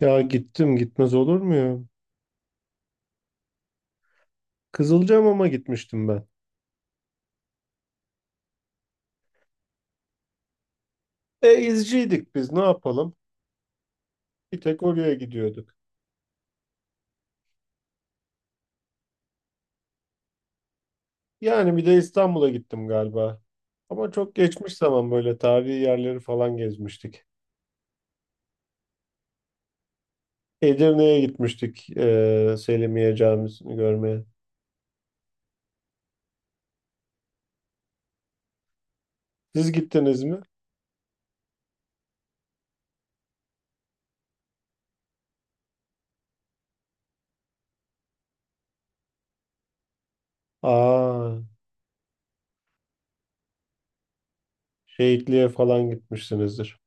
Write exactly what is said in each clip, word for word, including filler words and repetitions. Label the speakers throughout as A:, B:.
A: Ya gittim gitmez olur mu ya? Kızılcahamam'a gitmiştim ben. E izciydik biz ne yapalım? Bir tek oraya gidiyorduk. Yani bir de İstanbul'a gittim galiba. Ama çok geçmiş zaman böyle tarihi yerleri falan gezmiştik. Edirne'ye gitmiştik e, Selimiye Camisi'ni görmeye. Siz gittiniz mi? Aa, şehitliğe falan gitmişsinizdir.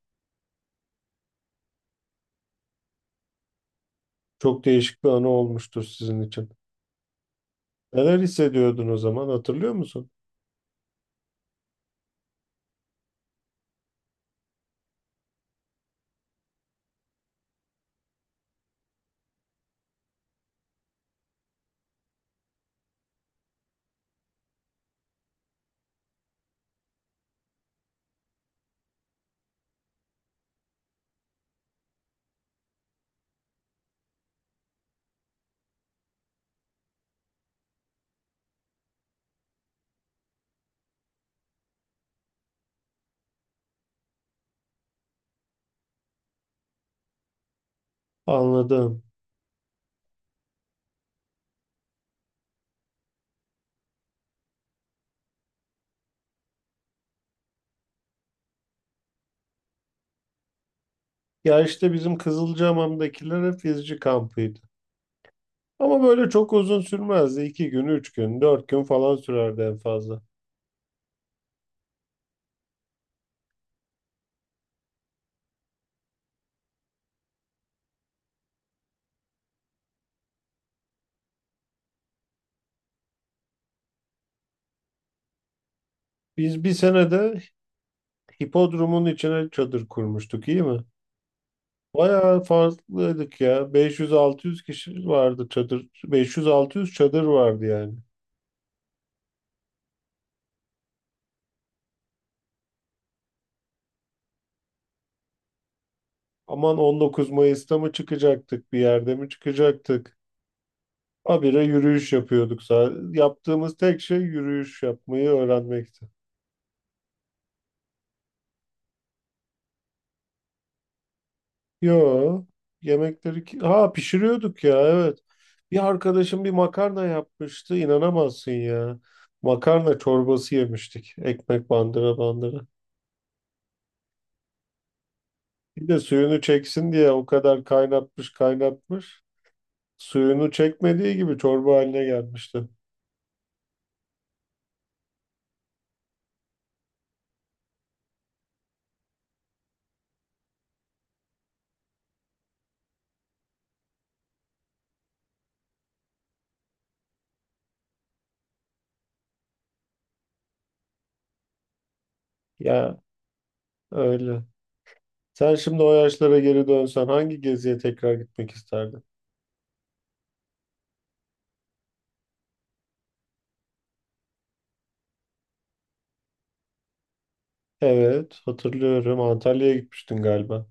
A: Çok değişik bir anı olmuştur sizin için. Neler hissediyordun o zaman hatırlıyor musun? Anladım. Ya işte bizim Kızılcahamam'dakiler hep izci kampıydı. Ama böyle çok uzun sürmezdi. İki gün, üç gün, dört gün falan sürerdi en fazla. Biz bir senede hipodromun içine çadır kurmuştuk, iyi mi? Bayağı farklıydık ya. beş yüz altı yüz kişi vardı çadır. beş yüz altı yüz çadır vardı yani. Aman on dokuz Mayıs'ta mı çıkacaktık, bir yerde mi çıkacaktık? Habire yürüyüş yapıyorduk. Sa- Yaptığımız tek şey yürüyüş yapmayı öğrenmekti. Yo, yemekleri ki... Ha pişiriyorduk ya evet. Bir arkadaşım bir makarna yapmıştı inanamazsın ya. Makarna çorbası yemiştik. Ekmek bandıra bandıra. Bir de suyunu çeksin diye o kadar kaynatmış kaynatmış. Suyunu çekmediği gibi çorba haline gelmişti. Ya öyle. Sen şimdi o yaşlara geri dönsen hangi geziye tekrar gitmek isterdin? Evet hatırlıyorum Antalya'ya gitmiştin galiba.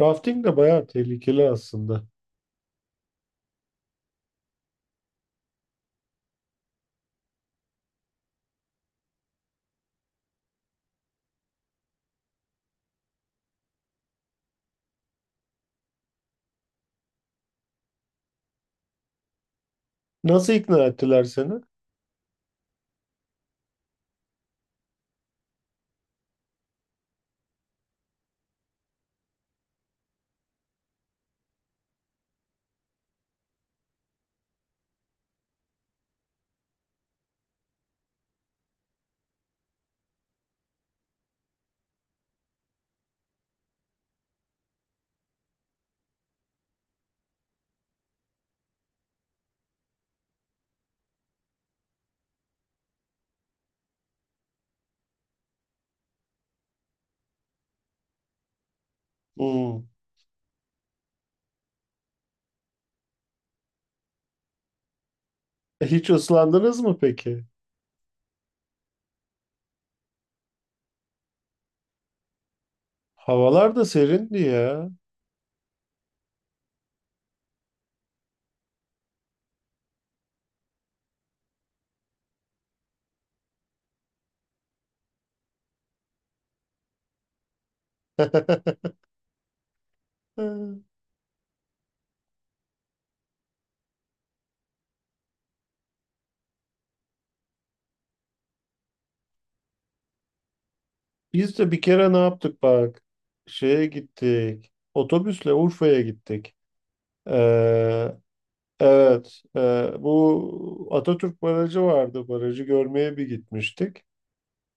A: Rafting de bayağı tehlikeli aslında. Nasıl ikna ettiler seni? Hmm. E, Hiç ıslandınız mı peki? Havalar da serindi ya. Hı. Biz de bir kere ne yaptık bak. Şeye gittik. Otobüsle Urfa'ya gittik. Ee, evet. e, bu Atatürk Barajı vardı. Barajı görmeye bir gitmiştik.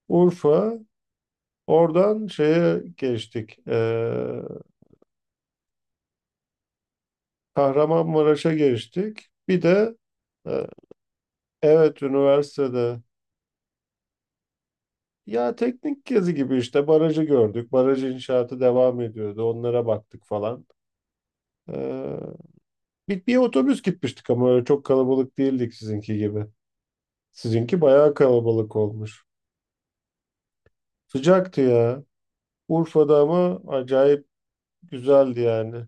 A: Urfa. Oradan şeye geçtik. Ee, Kahramanmaraş'a geçtik. Bir de e, evet üniversitede. Ya teknik gezi gibi işte barajı gördük. Baraj inşaatı devam ediyordu. Onlara baktık falan. Ee, bir, bir otobüs gitmiştik ama öyle çok kalabalık değildik sizinki gibi. Sizinki bayağı kalabalık olmuş. Sıcaktı ya. Urfa'da ama acayip güzeldi yani.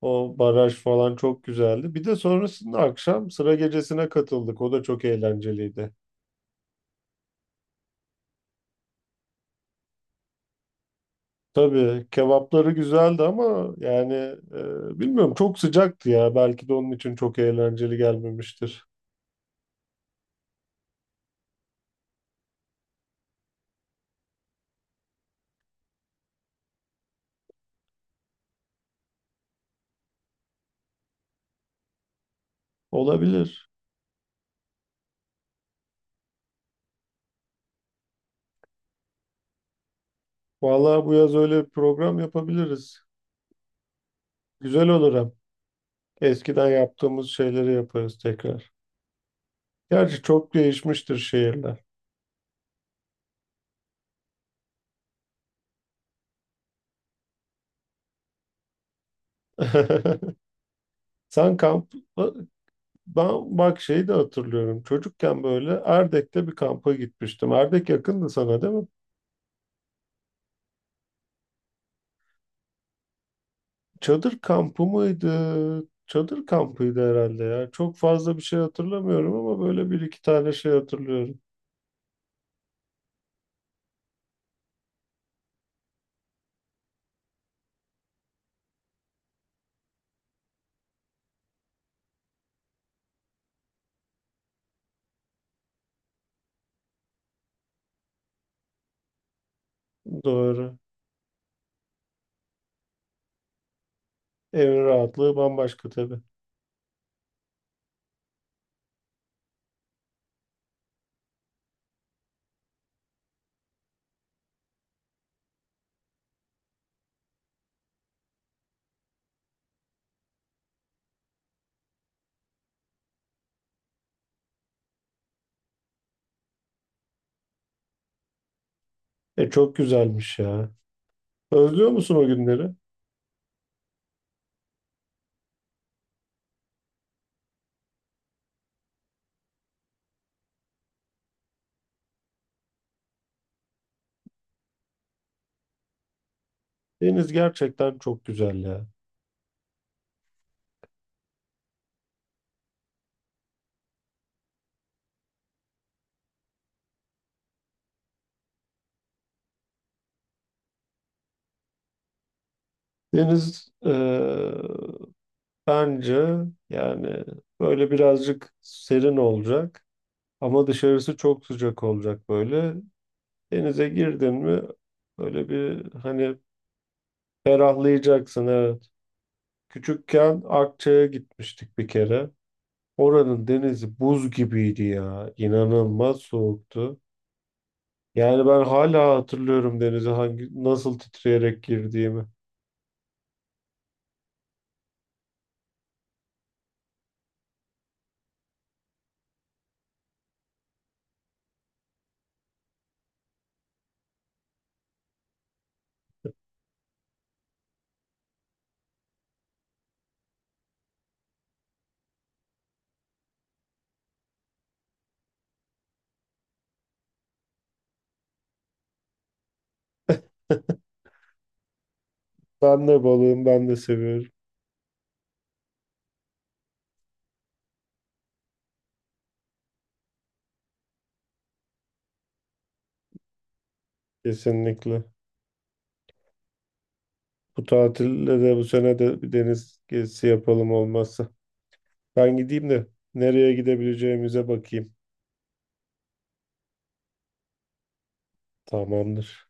A: O baraj falan çok güzeldi. Bir de sonrasında akşam sıra gecesine katıldık. O da çok eğlenceliydi. Tabii kebapları güzeldi ama yani e, bilmiyorum çok sıcaktı ya. Belki de onun için çok eğlenceli gelmemiştir. Olabilir. Vallahi bu yaz öyle bir program yapabiliriz. Güzel olur hem. Eskiden yaptığımız şeyleri yaparız tekrar. Gerçi çok değişmiştir şehirler. Sen kamp... e, Ben bak şeyi de hatırlıyorum. Çocukken böyle Erdek'te bir kampa gitmiştim. Erdek yakındı sana değil mi? Çadır kampı mıydı? Çadır kampıydı herhalde ya. Çok fazla bir şey hatırlamıyorum ama böyle bir iki tane şey hatırlıyorum. Doğru. Evin rahatlığı bambaşka tabii. E çok güzelmiş ya. Özlüyor musun o günleri? Deniz gerçekten çok güzel ya. Deniz e, bence yani böyle birazcık serin olacak ama dışarısı çok sıcak olacak böyle. Denize girdin mi böyle bir hani ferahlayacaksın evet. Küçükken Akçay'a gitmiştik bir kere. Oranın denizi buz gibiydi ya. İnanılmaz soğuktu. Yani ben hala hatırlıyorum denize hangi nasıl titreyerek girdiğimi. Ben de balığım, ben de seviyorum kesinlikle. Bu tatilde de bu sene de bir deniz gezisi yapalım olmazsa. Ben gideyim de nereye gidebileceğimize bakayım. Tamamdır.